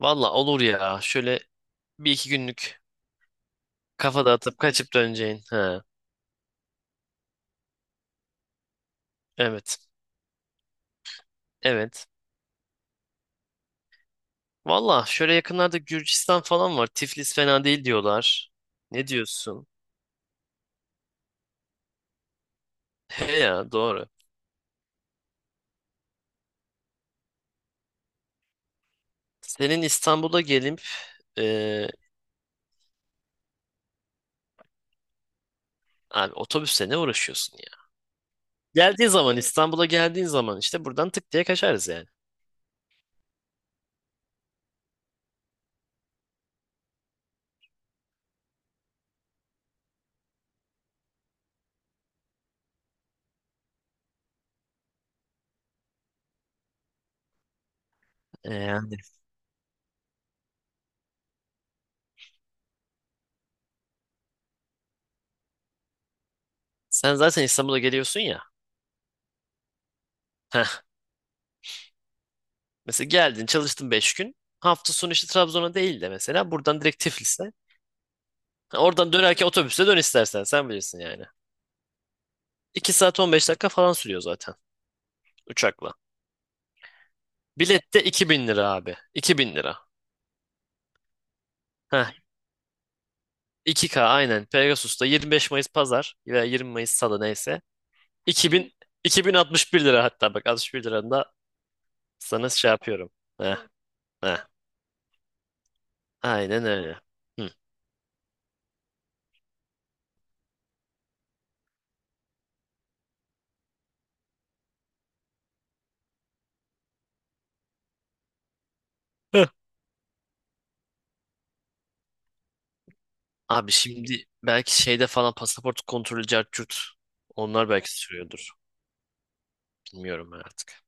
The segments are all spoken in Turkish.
Valla olur ya. Şöyle bir iki günlük kafa dağıtıp kaçıp döneceğin. Ha, evet. Evet. Valla şöyle yakınlarda Gürcistan falan var. Tiflis fena değil diyorlar. Ne diyorsun? He ya doğru. Senin İstanbul'a gelip e, abi otobüsle ne uğraşıyorsun ya? Geldiğin zaman İstanbul'a geldiğin zaman işte buradan tık diye kaçarız yani. E, yani. Sen zaten İstanbul'a geliyorsun ya. Heh, mesela geldin çalıştın 5 gün. Hafta sonu işte Trabzon'a değil de mesela buradan direkt Tiflis'e. Oradan dönerken otobüste dön istersen sen bilirsin yani. 2 saat 15 dakika falan sürüyor zaten uçakla. Bilet de 2.000 lira abi. 2.000 lira. Heh, 2K aynen. Pegasus'ta 25 Mayıs pazar veya 20 Mayıs salı neyse. İki iki bin iki bin altmış bir lira hatta bak 61 liranın da sana şey yapıyorum. Heh, heh. Aynen öyle. Hı. Heh. Abi şimdi belki şeyde falan pasaport kontrolü cart curt. Onlar belki sürüyordur. Bilmiyorum ben artık.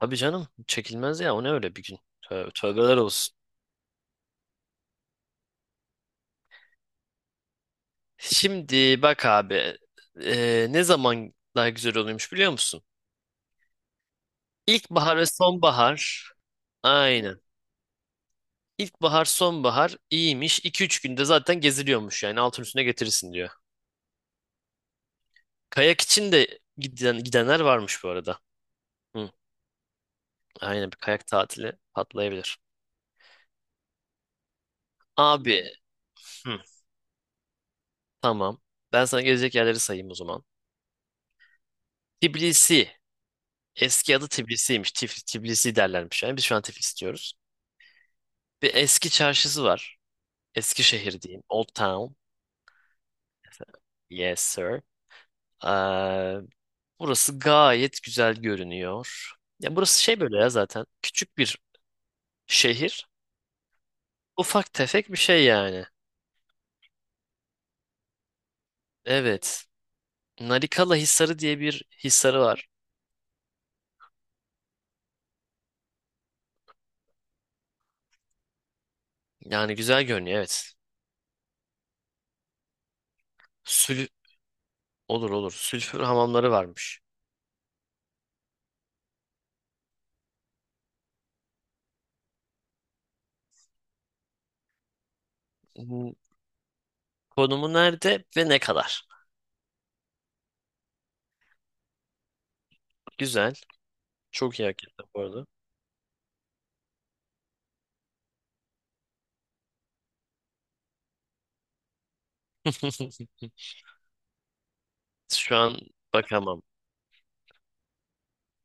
Abi canım çekilmez ya o ne öyle bir gün. Tövbe, tövbeler olsun. Şimdi bak abi ne zaman daha güzel oluyormuş biliyor musun? İlkbahar ve sonbahar aynen. İlkbahar sonbahar iyiymiş. İki üç günde zaten geziliyormuş yani altın üstüne getirirsin diyor. Kayak için de gidenler varmış bu arada. Hı, aynen bir kayak tatili patlayabilir. Abi hı, tamam ben sana gezecek yerleri sayayım o zaman. Tbilisi eski adı Tbilisi'ymiş. Tbilisi derlermiş yani biz şu an Tiflis diyoruz. Bir eski çarşısı var. Eskişehir diyeyim. Old Town. Yes sir. Ee, burası gayet güzel görünüyor. Ya burası şey böyle ya zaten. Küçük bir şehir. Ufak tefek bir şey yani. Evet. Narikala Hisarı diye bir hisarı var. Yani güzel görünüyor evet. Sül olur olur. Sülfür hamamları varmış. Hmm, Konumu nerede ve ne kadar? Güzel. Çok iyi hakikaten bu arada. Şu an bakamam.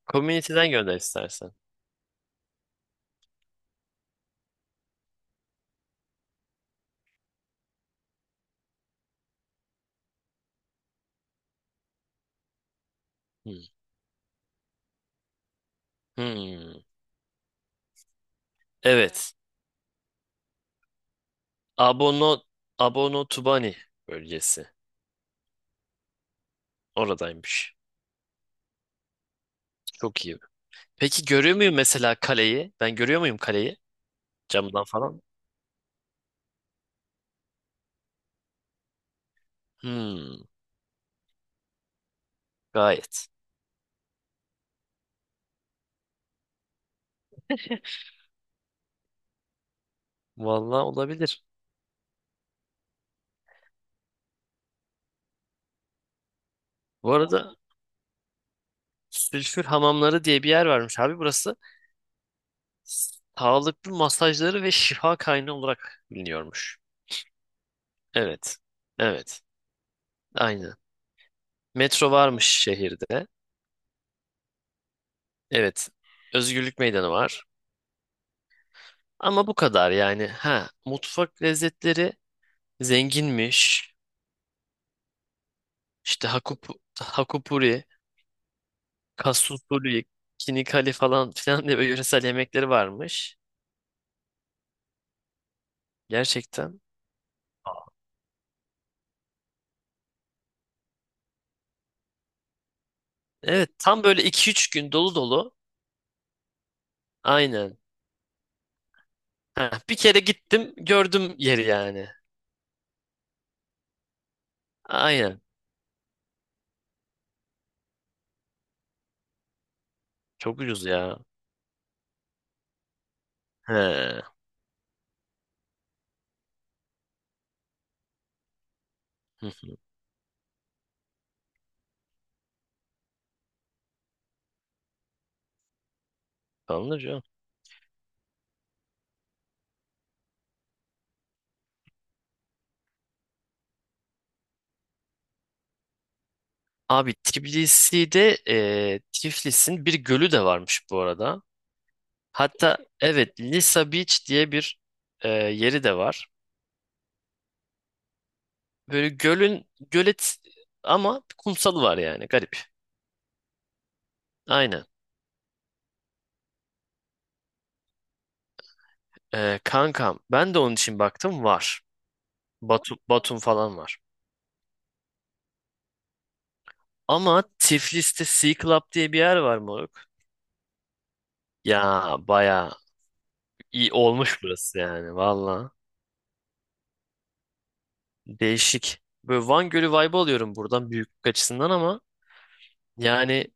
Community'den gönder istersen. Hmm. Hmm. Evet. Abono Abono Tubani bölgesi. Oradaymış. Çok iyi. Peki görüyor muyum mesela kaleyi? Ben görüyor muyum kaleyi? Camdan falan. Hmm, gayet. Vallahi olabilir. Bu arada sülfür hamamları diye bir yer varmış abi burası. Sağlıklı masajları ve şifa kaynağı olarak biliniyormuş. Evet. Evet. Aynen. Metro varmış şehirde. Evet. Özgürlük Meydanı var. Ama bu kadar yani. Ha, mutfak lezzetleri zenginmiş. İşte Hakupuri, Kasusuri, Kinikali falan filan diye böyle yöresel yemekleri varmış. Gerçekten. Evet tam böyle iki üç gün dolu dolu. Aynen. Ha, bir kere gittim gördüm yeri yani. Aynen. Çok ucuz ya. He. Hı, alınır canım. Abi Tiflis'in bir gölü de varmış bu arada. Hatta evet Lisa Beach diye bir yeri de var. Böyle gölet ama kumsalı var yani garip. Aynen. Kankam ben de onun için baktım var. Batum falan var. Ama Tiflis'te Sea Club diye bir yer var moruk. Ya baya iyi olmuş burası yani valla. Değişik. Böyle Van Gölü vibe alıyorum buradan büyüklük açısından ama yani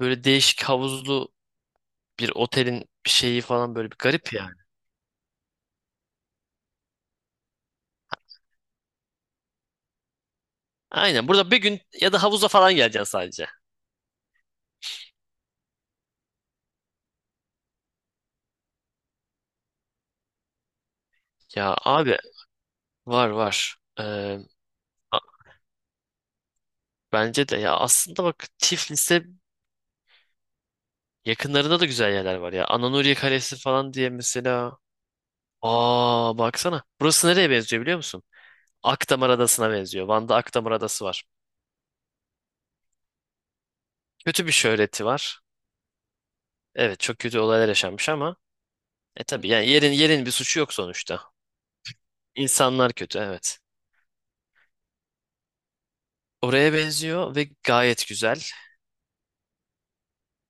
böyle değişik havuzlu bir otelin bir şeyi falan böyle bir garip yani. Aynen burada bir gün ya da havuza falan geleceksin sadece. Ya abi var var. A- bence de ya aslında bak Tiflis'e yakınlarında da güzel yerler var ya. Ananuriye Kalesi falan diye mesela. Aa, baksana. Burası nereye benziyor biliyor musun? Akdamar Adası'na benziyor. Van'da Akdamar Adası var. Kötü bir şöhreti var. Evet çok kötü olaylar yaşanmış ama tabii yani yerin bir suçu yok sonuçta. İnsanlar kötü evet. Oraya benziyor ve gayet güzel.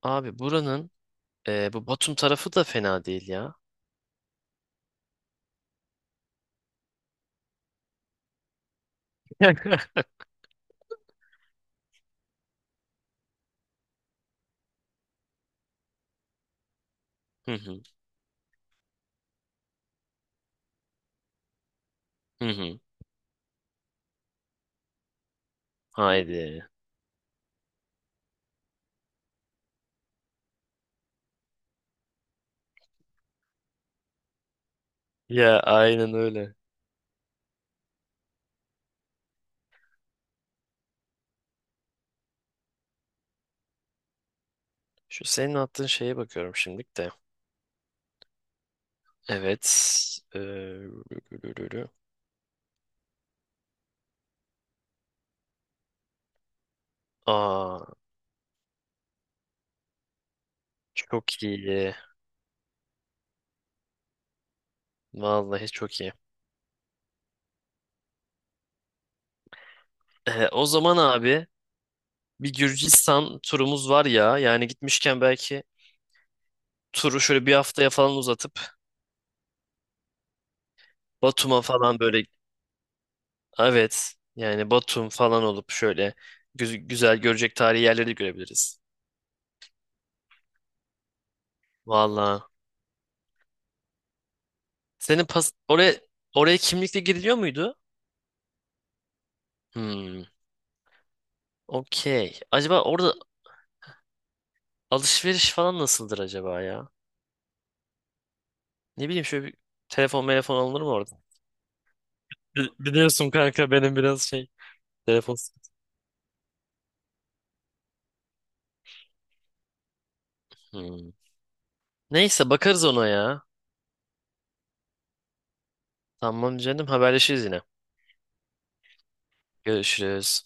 Abi bu Batum tarafı da fena değil ya. Hı hı. Hı hı. Haydi. Ya aynen öyle. Şu senin attığın şeye bakıyorum şimdilik de. Evet. Ee, rü- Aa, çok iyi. Vallahi çok iyi. O zaman abi bir Gürcistan turumuz var ya. Yani gitmişken belki turu şöyle bir haftaya falan uzatıp Batum'a falan böyle evet yani Batum falan olup şöyle güzel görecek tarihi yerleri de görebiliriz. Vallahi. Senin pas oraya oraya kimlikle giriliyor muydu? Hmm. Okey. Acaba orada alışveriş falan nasıldır acaba ya? Ne bileyim şöyle bir telefon alınır mı orada? Biliyorsun kanka benim biraz şey telefon. Hmm. Neyse bakarız ona ya. Tamam canım haberleşiriz yine. Görüşürüz.